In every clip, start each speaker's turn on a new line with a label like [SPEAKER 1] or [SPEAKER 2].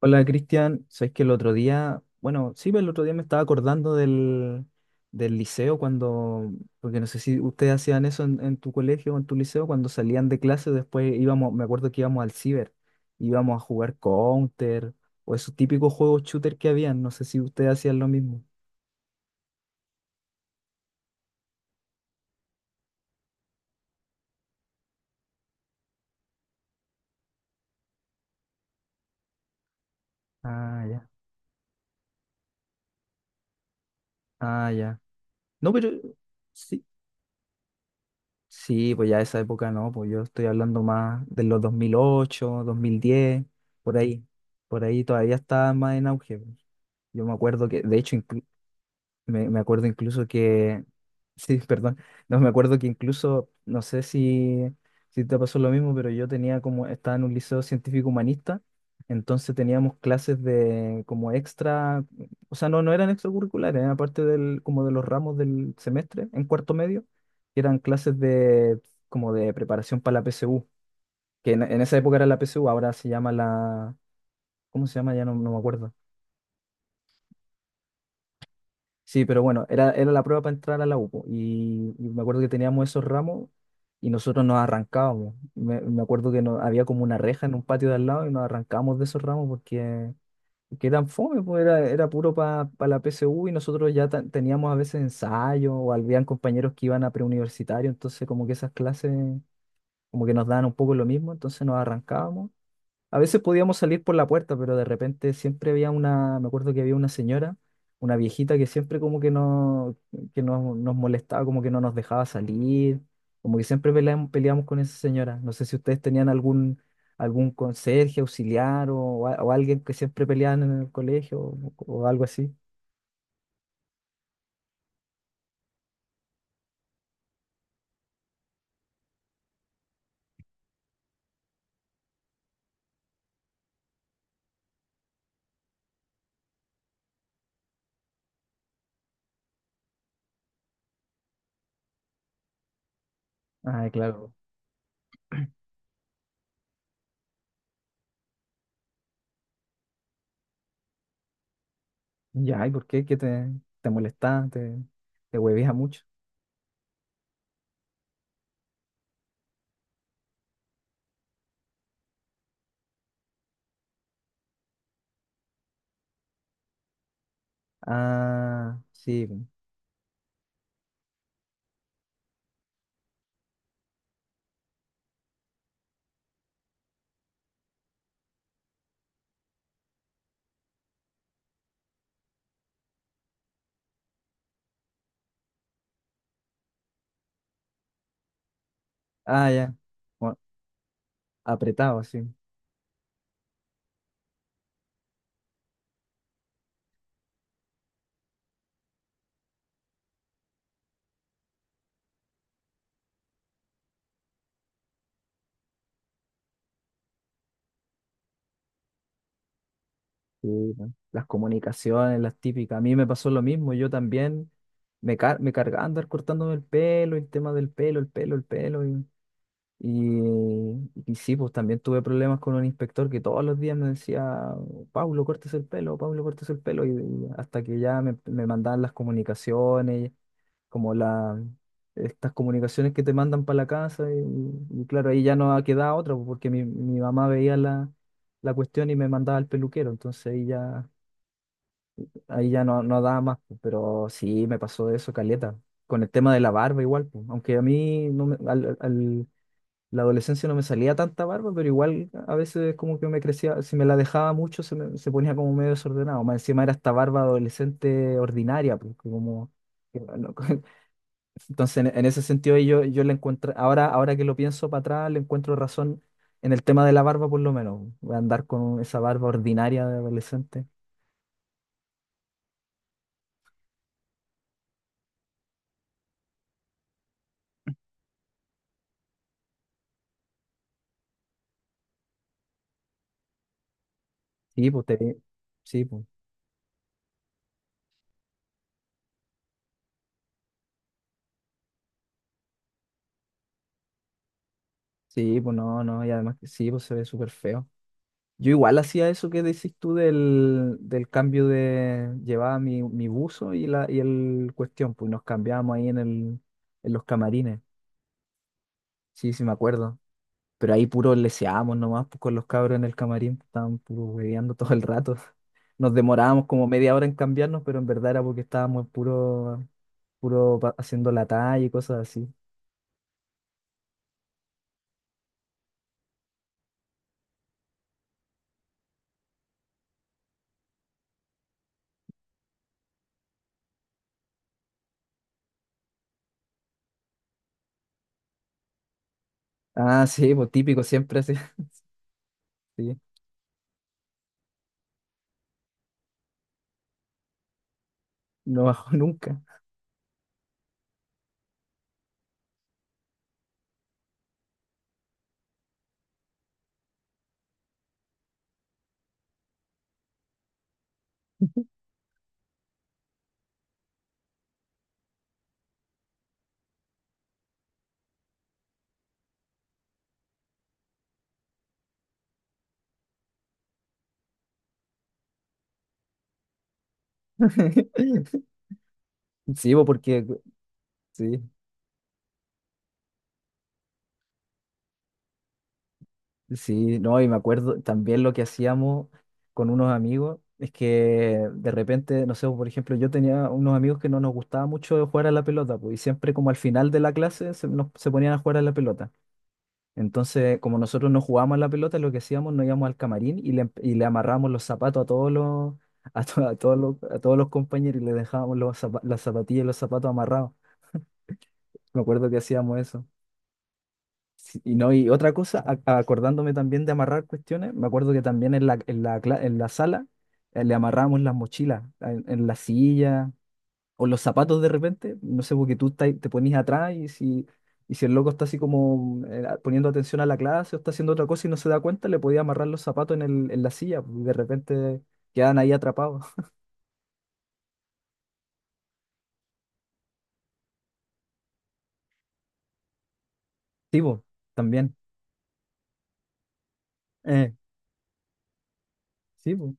[SPEAKER 1] Hola Cristian, sabes que el otro día, bueno, sí, pero el otro día me estaba acordando del liceo cuando, porque no sé si ustedes hacían eso en tu colegio o en tu liceo, cuando salían de clase, después íbamos, me acuerdo que íbamos al ciber, íbamos a jugar Counter o esos típicos juegos shooter que habían, no sé si ustedes hacían lo mismo. Ah, ya. Ah, ya. No, pero sí. Sí, pues ya esa época no, pues yo estoy hablando más de los 2008, 2010, por ahí. Por ahí todavía está más en auge, pues. Yo me acuerdo que, de hecho, me acuerdo incluso que, sí, perdón, no, me acuerdo que incluso, no sé si, si te pasó lo mismo, pero yo tenía como, estaba en un liceo científico humanista, entonces teníamos clases de como extra, o sea, no eran extracurriculares, eran parte del, como de los ramos del semestre, en cuarto medio, que eran clases de, como de preparación para la PSU, que en esa época era la PSU, ahora se llama la, ¿cómo se llama? Ya no me acuerdo. Sí, pero bueno, era la prueba para entrar a la UPO y me acuerdo que teníamos esos ramos y nosotros nos arrancábamos. Me acuerdo que no, había como una reja en un patio de al lado y nos arrancábamos de esos ramos porque, porque eran fome, pues era, era puro para la PSU y nosotros teníamos a veces ensayo o habían compañeros que iban a preuniversitario, entonces como que esas clases como que nos daban un poco lo mismo, entonces nos arrancábamos. A veces podíamos salir por la puerta, pero de repente siempre había una, me acuerdo que había una señora, una viejita que siempre como que, no, que nos molestaba, como que no nos dejaba salir, como que siempre peleamos, peleamos con esa señora. No sé si ustedes tenían algún, algún conserje, auxiliar o, o alguien que siempre peleaban en el colegio o algo así. Ah, claro. Ya, ¿y por qué? ¿Qué te, te molestaba? ¿Te, te huevía mucho? Ah, sí. Ah, ya. Bueno, apretado, sí. Sí, ¿no? Las comunicaciones, las típicas. A mí me pasó lo mismo, yo también me cargaba andar cortándome el pelo, el tema del pelo, el pelo, el pelo. Y, y sí, pues también tuve problemas con un inspector que todos los días me decía, Pablo, cortes el pelo, Pablo, cortes el pelo. Y hasta que ya me mandaban las comunicaciones, como la, estas comunicaciones que te mandan para la casa. Y claro, ahí ya no quedaba otra, pues, porque mi mamá veía la, la cuestión y me mandaba al peluquero. Entonces ahí ya no, no daba más, pues, pero sí me pasó eso, caleta. Con el tema de la barba igual, pues, aunque a mí no me- al, al- la adolescencia no me salía tanta barba, pero igual a veces como que me crecía, si me la dejaba mucho se ponía como medio desordenado. Más encima era esta barba adolescente ordinaria, pues, que como... que no- Entonces en ese sentido yo, yo le encuentro, ahora, ahora que lo pienso para atrás, le encuentro razón en el tema de la barba por lo menos. Voy a andar con esa barba ordinaria de adolescente. Sí, pues te, sí, pues. Sí, pues no, no, y además que sí, pues se ve súper feo. Yo igual hacía eso que decís tú del, del cambio de... Llevaba mi, mi buzo y, la, y el cuestión, pues nos cambiábamos ahí en los camarines. Sí, sí, me acuerdo. Pero ahí puro leseábamos nomás, pues con los cabros en el camarín, estaban puro hueveando todo el rato. Nos demorábamos como media hora en cambiarnos, pero en verdad era porque estábamos puro, haciendo la talla y cosas así. Ah, sí, pues típico, siempre así. Sí, no bajó nunca. Sí, bo, porque sí, sí, no, y me acuerdo también lo que hacíamos con unos amigos, es que de repente, no sé, por ejemplo, yo tenía unos amigos que no nos gustaba mucho jugar a la pelota, pues, y siempre como al final de la clase se ponían a jugar a la pelota. Entonces, como nosotros no jugábamos a la pelota, lo que hacíamos, nos íbamos al camarín y le amarrábamos los zapatos a todos los, a todos los compañeros y le dejábamos los las zapatillas y los zapatos amarrados. Me acuerdo que hacíamos eso. Sí. Y, no, y otra cosa, acordándome también de amarrar cuestiones, me acuerdo que también en la sala le amarramos las mochilas en la silla o los zapatos de repente, no sé, porque tú te te ponías atrás y si el loco está así como poniendo atención a la clase o está haciendo otra cosa y no se da cuenta, le podía amarrar los zapatos en la silla pues, y de repente quedan ahí atrapados. Sí, po, también. Eh, sí, po.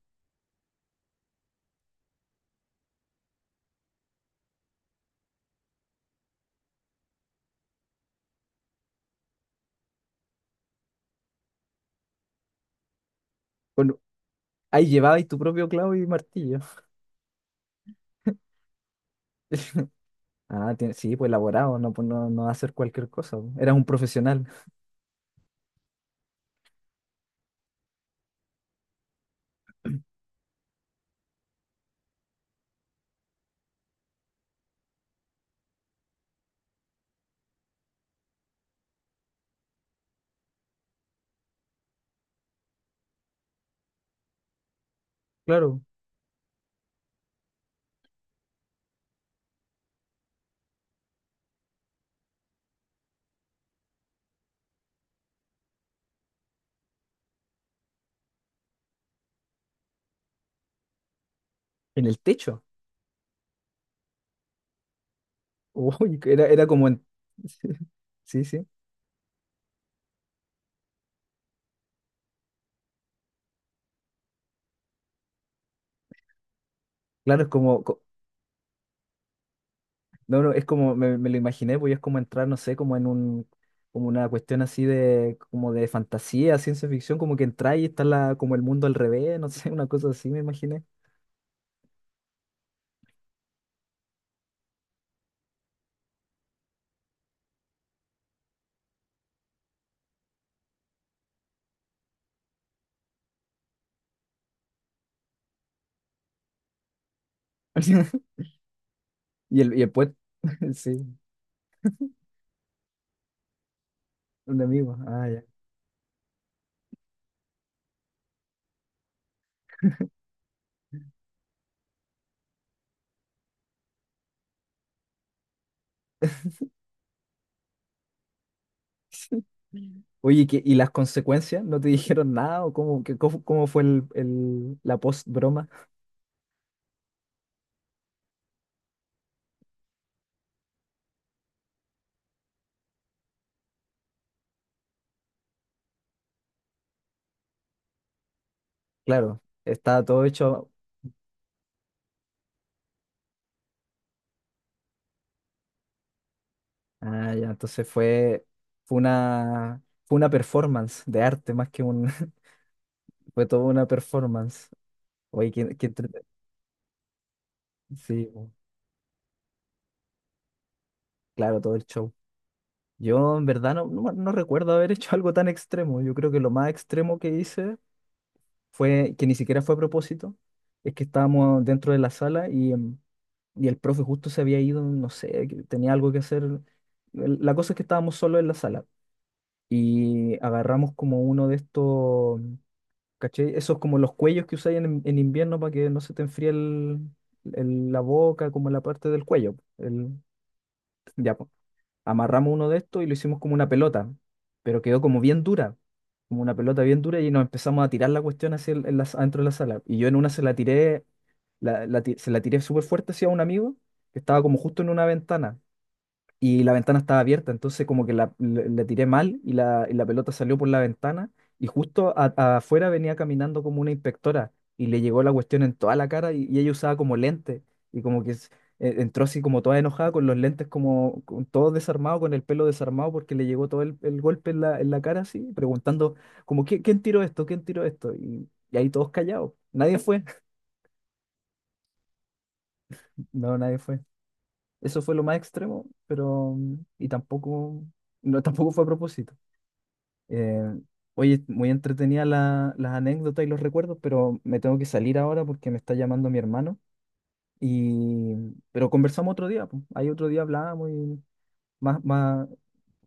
[SPEAKER 1] Bueno, ahí llevabais tu propio clavo y martillo. Ah, tiene- sí, pues elaborado, no, pues no, no va a hacer cualquier cosa, po. Era un profesional, claro. En el techo. Uy, era, era como en... Sí, sí. Claro, es como... co- No, no, es como, me lo imaginé, pues es como entrar, no sé, como en un, como una cuestión así de, como de fantasía, ciencia ficción, como que entra y está la, como el mundo al revés, no sé, una cosa así me imaginé. Y el puente, sí, un amigo. Ah, ya. Oye, ¿qué- y las consecuencias? ¿No te dijeron nada? ¿O cómo, qué- cómo, cómo fue el- la post-broma? Claro, estaba todo hecho. Ah, ya, entonces fue, fue una performance de arte más que un... Fue toda una performance. Oye, qué, qué entrete- Sí, po, claro, todo el show. Yo en verdad no, no, no recuerdo haber hecho algo tan extremo. Yo creo que lo más extremo que hice fue que ni siquiera fue a propósito, es que estábamos dentro de la sala y, y el profe justo se había ido, no sé, que tenía algo que hacer. La cosa es que estábamos solos en la sala y agarramos como uno de estos, ¿cachai? Esos como los cuellos que usáis en invierno para que no se te enfríe la boca, como la parte del cuello. El, ya, amarramos uno de estos y lo hicimos como una pelota, pero quedó como bien dura, como una pelota bien dura y nos empezamos a tirar la cuestión hacia adentro de la sala. Y yo en una se la tiré, se la tiré súper fuerte hacia un amigo que estaba como justo en una ventana y la ventana estaba abierta, entonces como que la, le tiré mal y la pelota salió por la ventana y justo afuera venía caminando como una inspectora y le llegó la cuestión en toda la cara y ella usaba como lentes y como que entró así como toda enojada con los lentes como con, todo desarmado, con el pelo desarmado porque le llegó todo el golpe en la cara así, preguntando como "¿Qui- quién tiró esto? ¿Quién tiró esto?" Y ahí todos callados, nadie fue, no, nadie fue. Eso fue lo más extremo, pero... mm, y tampoco... No, tampoco fue a propósito. Eh, oye, muy entretenida la- las anécdotas y los recuerdos, pero me tengo que salir ahora porque me está llamando mi hermano. Y, pero conversamos otro día, pues. Ahí otro día hablábamos y más, más,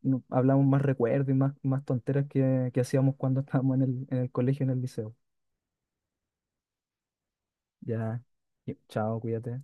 [SPEAKER 1] no- hablamos más recuerdos y más, más tonteras que hacíamos cuando estábamos en el colegio, en el liceo. Ya, y- chao, cuídate.